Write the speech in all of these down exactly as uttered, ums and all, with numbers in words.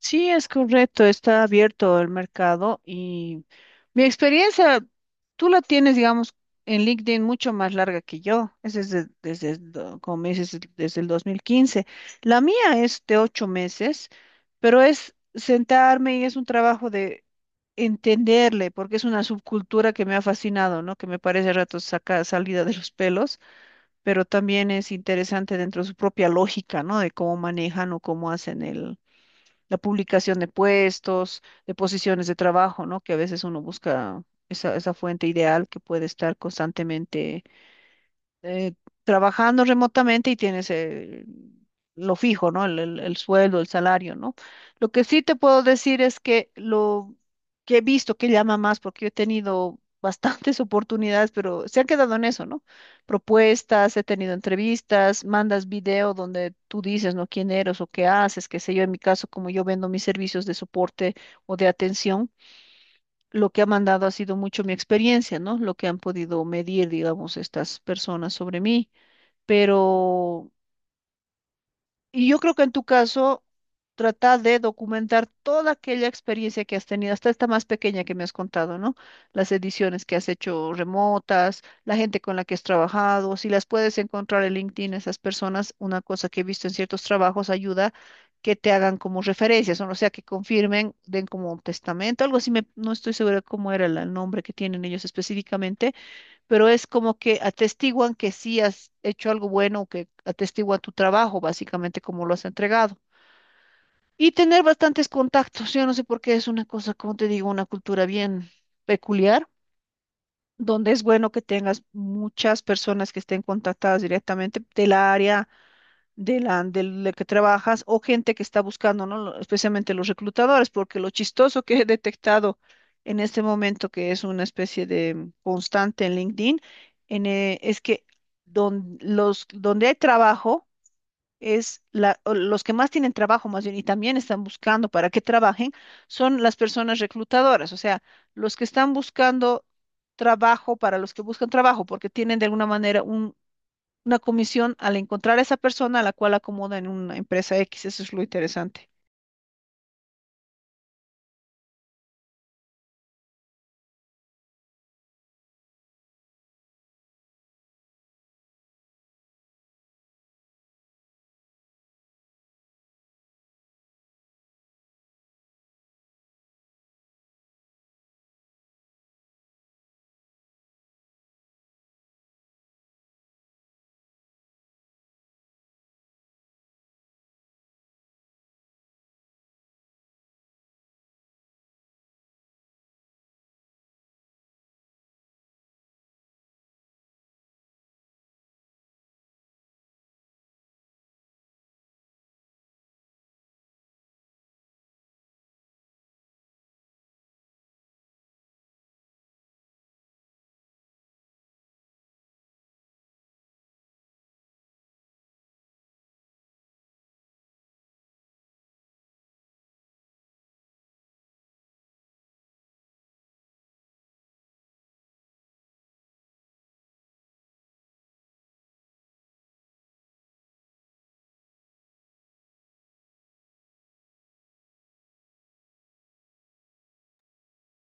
Sí, es correcto, está abierto el mercado y mi experiencia, tú la tienes, digamos, en LinkedIn mucho más larga que yo, es desde, desde el do- como me dices, desde el dos mil quince. La mía es de ocho meses, pero es sentarme y es un trabajo de entenderle, porque es una subcultura que me ha fascinado, ¿no? Que me parece a ratos saca salida de los pelos, pero también es interesante dentro de su propia lógica, ¿no? De cómo manejan o cómo hacen el la publicación de puestos, de posiciones de trabajo, ¿no? Que a veces uno busca esa, esa fuente ideal que puede estar constantemente eh, trabajando remotamente y tienes eh, lo fijo, ¿no? El, el, el sueldo, el salario, ¿no? Lo que sí te puedo decir es que lo que he visto que llama más, porque yo he tenido bastantes oportunidades, pero se han quedado en eso, ¿no? Propuestas, he tenido entrevistas, mandas video donde tú dices, ¿no? ¿Quién eres o qué haces? Qué sé yo, en mi caso, como yo vendo mis servicios de soporte o de atención, lo que ha mandado ha sido mucho mi experiencia, ¿no? Lo que han podido medir, digamos, estas personas sobre mí. Pero, y yo creo que en tu caso, trata de documentar toda aquella experiencia que has tenido, hasta esta más pequeña que me has contado, ¿no? Las ediciones que has hecho remotas, la gente con la que has trabajado, si las puedes encontrar en LinkedIn, esas personas, una cosa que he visto en ciertos trabajos ayuda que te hagan como referencias, o sea, que confirmen, den como un testamento, algo así. Me- no estoy segura cómo era la- el nombre que tienen ellos específicamente, pero es como que atestiguan que sí has hecho algo bueno, que atestiguan tu trabajo, básicamente como lo has entregado. Y tener bastantes contactos, yo no sé por qué es una cosa, como te digo, una cultura bien peculiar, donde es bueno que tengas muchas personas que estén contactadas directamente del área de la, del que trabajas o gente que está buscando, ¿no? Lo- Especialmente los reclutadores, porque lo chistoso que he detectado en este momento, que es una especie de constante en LinkedIn, en, eh, es que don- los, donde hay trabajo, es la, o los que más tienen trabajo, más bien, y también están buscando para que trabajen, son las personas reclutadoras, o sea, los que están buscando trabajo para los que buscan trabajo, porque tienen de alguna manera un, una comisión al encontrar a esa persona a la cual acomoda en una empresa X. Eso es lo interesante.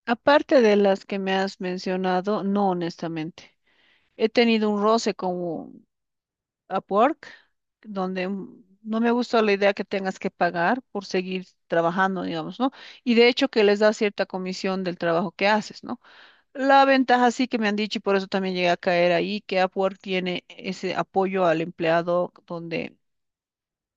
Aparte de las que me has mencionado, no, honestamente. He tenido un roce con Upwork, donde mm, no me gustó la idea que tengas que pagar por seguir trabajando, digamos, ¿no? Y de hecho que les da cierta comisión del trabajo que haces, ¿no? La ventaja sí que me han dicho, y por eso también llegué a caer ahí, que Upwork tiene ese apoyo al empleado donde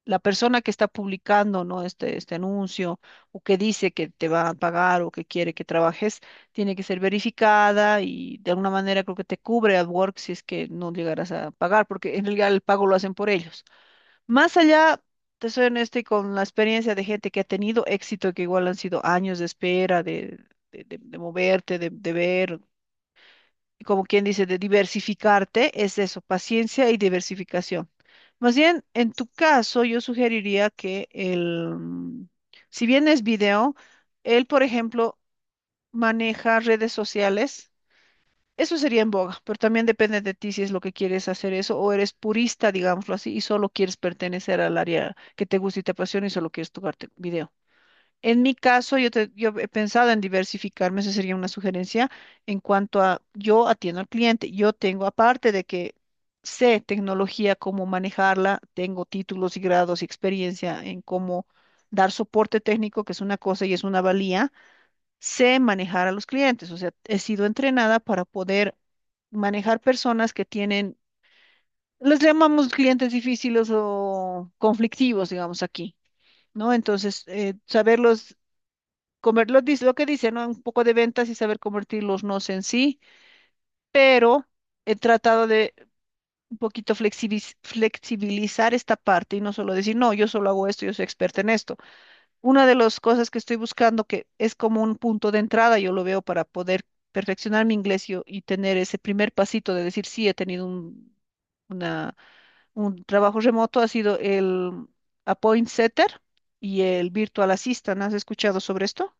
la persona que está publicando, ¿no?, este, este anuncio o que dice que te va a pagar o que quiere que trabajes, tiene que ser verificada y de alguna manera creo que te cubre AdWords si es que no llegarás a pagar, porque en realidad el pago lo hacen por ellos. Más allá, te soy honesta, y con la experiencia de gente que ha tenido éxito, que igual han sido años de espera, de, de, de- de moverte, de, de ver, como quien dice, de diversificarte, es eso, paciencia y diversificación. Más bien, en tu caso, yo sugeriría que el, mm, si bien es video, él, por ejemplo, maneja redes sociales. Eso sería en boga, pero también depende de ti si es lo que quieres hacer eso o eres purista, digámoslo así, y solo quieres pertenecer al área que te gusta y te apasiona y solo quieres tocarte video. En mi caso, yo, te- yo he pensado en diversificarme, esa sería una sugerencia en cuanto a yo atiendo al cliente. Yo tengo, aparte de que sé tecnología, cómo manejarla, tengo títulos y grados y experiencia en cómo dar soporte técnico, que es una cosa y es una valía, sé manejar a los clientes. O sea, he sido entrenada para poder manejar personas que tienen, les llamamos clientes difíciles o conflictivos, digamos aquí, ¿no? Entonces, eh, saberlos comer lo, dis- lo que dicen, ¿no? Un poco de ventas y saber convertir los nos en sí, pero he tratado de un poquito flexibiz- flexibilizar esta parte y no solo decir, no, yo solo hago esto, yo soy experta en esto. Una de las cosas que estoy buscando, que es como un punto de entrada, yo lo veo para poder perfeccionar mi inglés yo- y tener ese primer pasito de decir, sí, he tenido un, una, un trabajo remoto, ha sido el Appoint Setter y el Virtual Assistant. ¿Has escuchado sobre esto?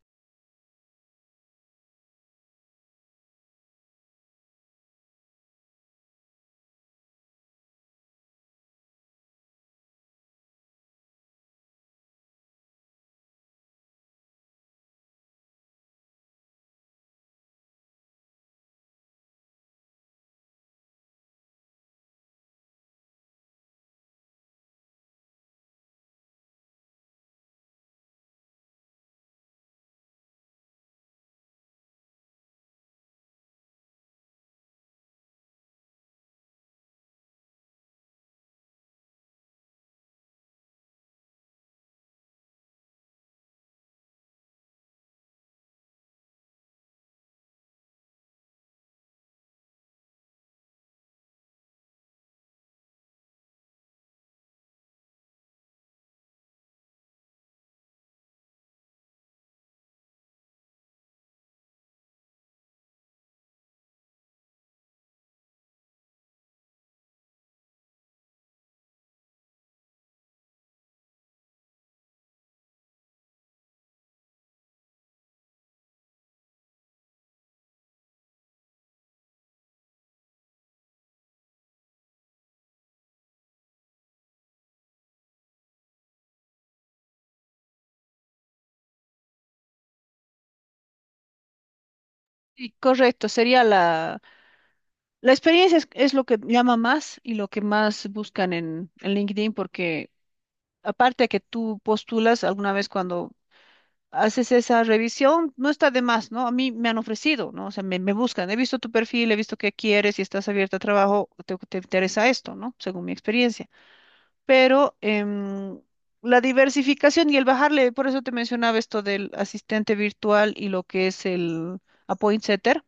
Sí, correcto, sería la, la experiencia es, es lo que llama más y lo que más buscan en, en LinkedIn, porque aparte que tú postulas alguna vez cuando haces esa revisión, no está de más, ¿no? A mí me han ofrecido, ¿no? O sea, me, me buscan, he visto tu perfil, he visto qué quieres y estás abierta a trabajo, te, te interesa esto, ¿no? Según mi experiencia. Pero em, la diversificación y el bajarle, por eso te mencionaba esto del asistente virtual y lo que es el appoint setter.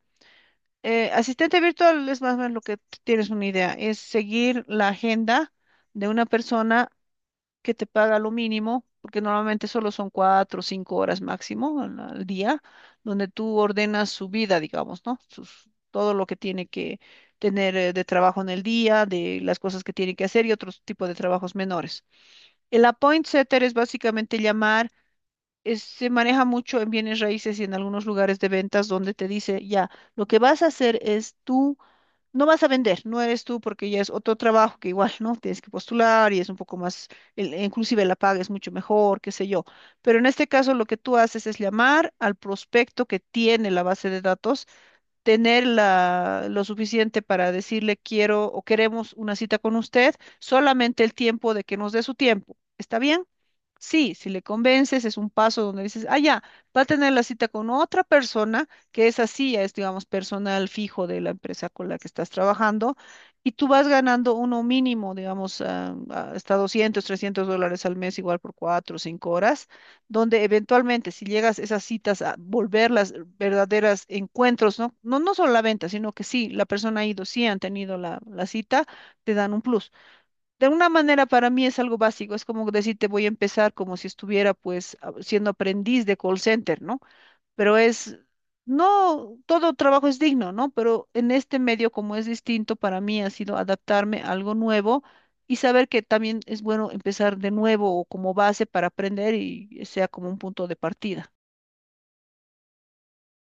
Eh, asistente virtual es más o menos lo que t- tienes una idea, es seguir la agenda de una persona que te paga lo mínimo, porque normalmente solo son cuatro o cinco horas máximo al, al día, donde tú ordenas su vida, digamos, ¿no? Sus- todo lo que tiene que tener eh, de trabajo en el día, de las cosas que tiene que hacer y otros tipos de trabajos menores. El appoint setter es básicamente llamar, es- se maneja mucho en bienes raíces y en algunos lugares de ventas donde te dice, ya. Lo que vas a hacer es tú no vas a vender, no eres tú, porque ya es otro trabajo que igual, ¿no? Tienes que postular y es un poco más, el- e inclusive la paga es mucho mejor, qué sé yo. Pero en este caso lo que tú haces es llamar al prospecto que tiene la base de datos, tener la- lo suficiente para decirle quiero o queremos una cita con usted, solamente el tiempo de que nos dé su tiempo. ¿Está bien? Sí, si le convences, es un paso donde dices, ah, ya, va a tener la cita con otra persona, que es así, ya es, digamos, personal fijo de la empresa con la que estás trabajando, y tú vas ganando uno mínimo, digamos, ah, ah, hasta doscientos, trescientos dólares al mes, igual por cuatro o cinco horas, donde eventualmente, si llegas esas citas a volverlas verdaderas encuentros, ¿no? No, no solo la venta, sino que sí, la persona ha ido, sí han tenido la, la cita, te dan un plus. De alguna manera para mí es algo básico, es como decirte voy a empezar como si estuviera pues a- siendo aprendiz de call center, ¿no? Pero es, no, todo trabajo es digno, ¿no? Pero en este medio, como es distinto, para mí ha sido adaptarme a algo nuevo y saber que también es bueno empezar de nuevo o como base para aprender y sea como un punto de partida.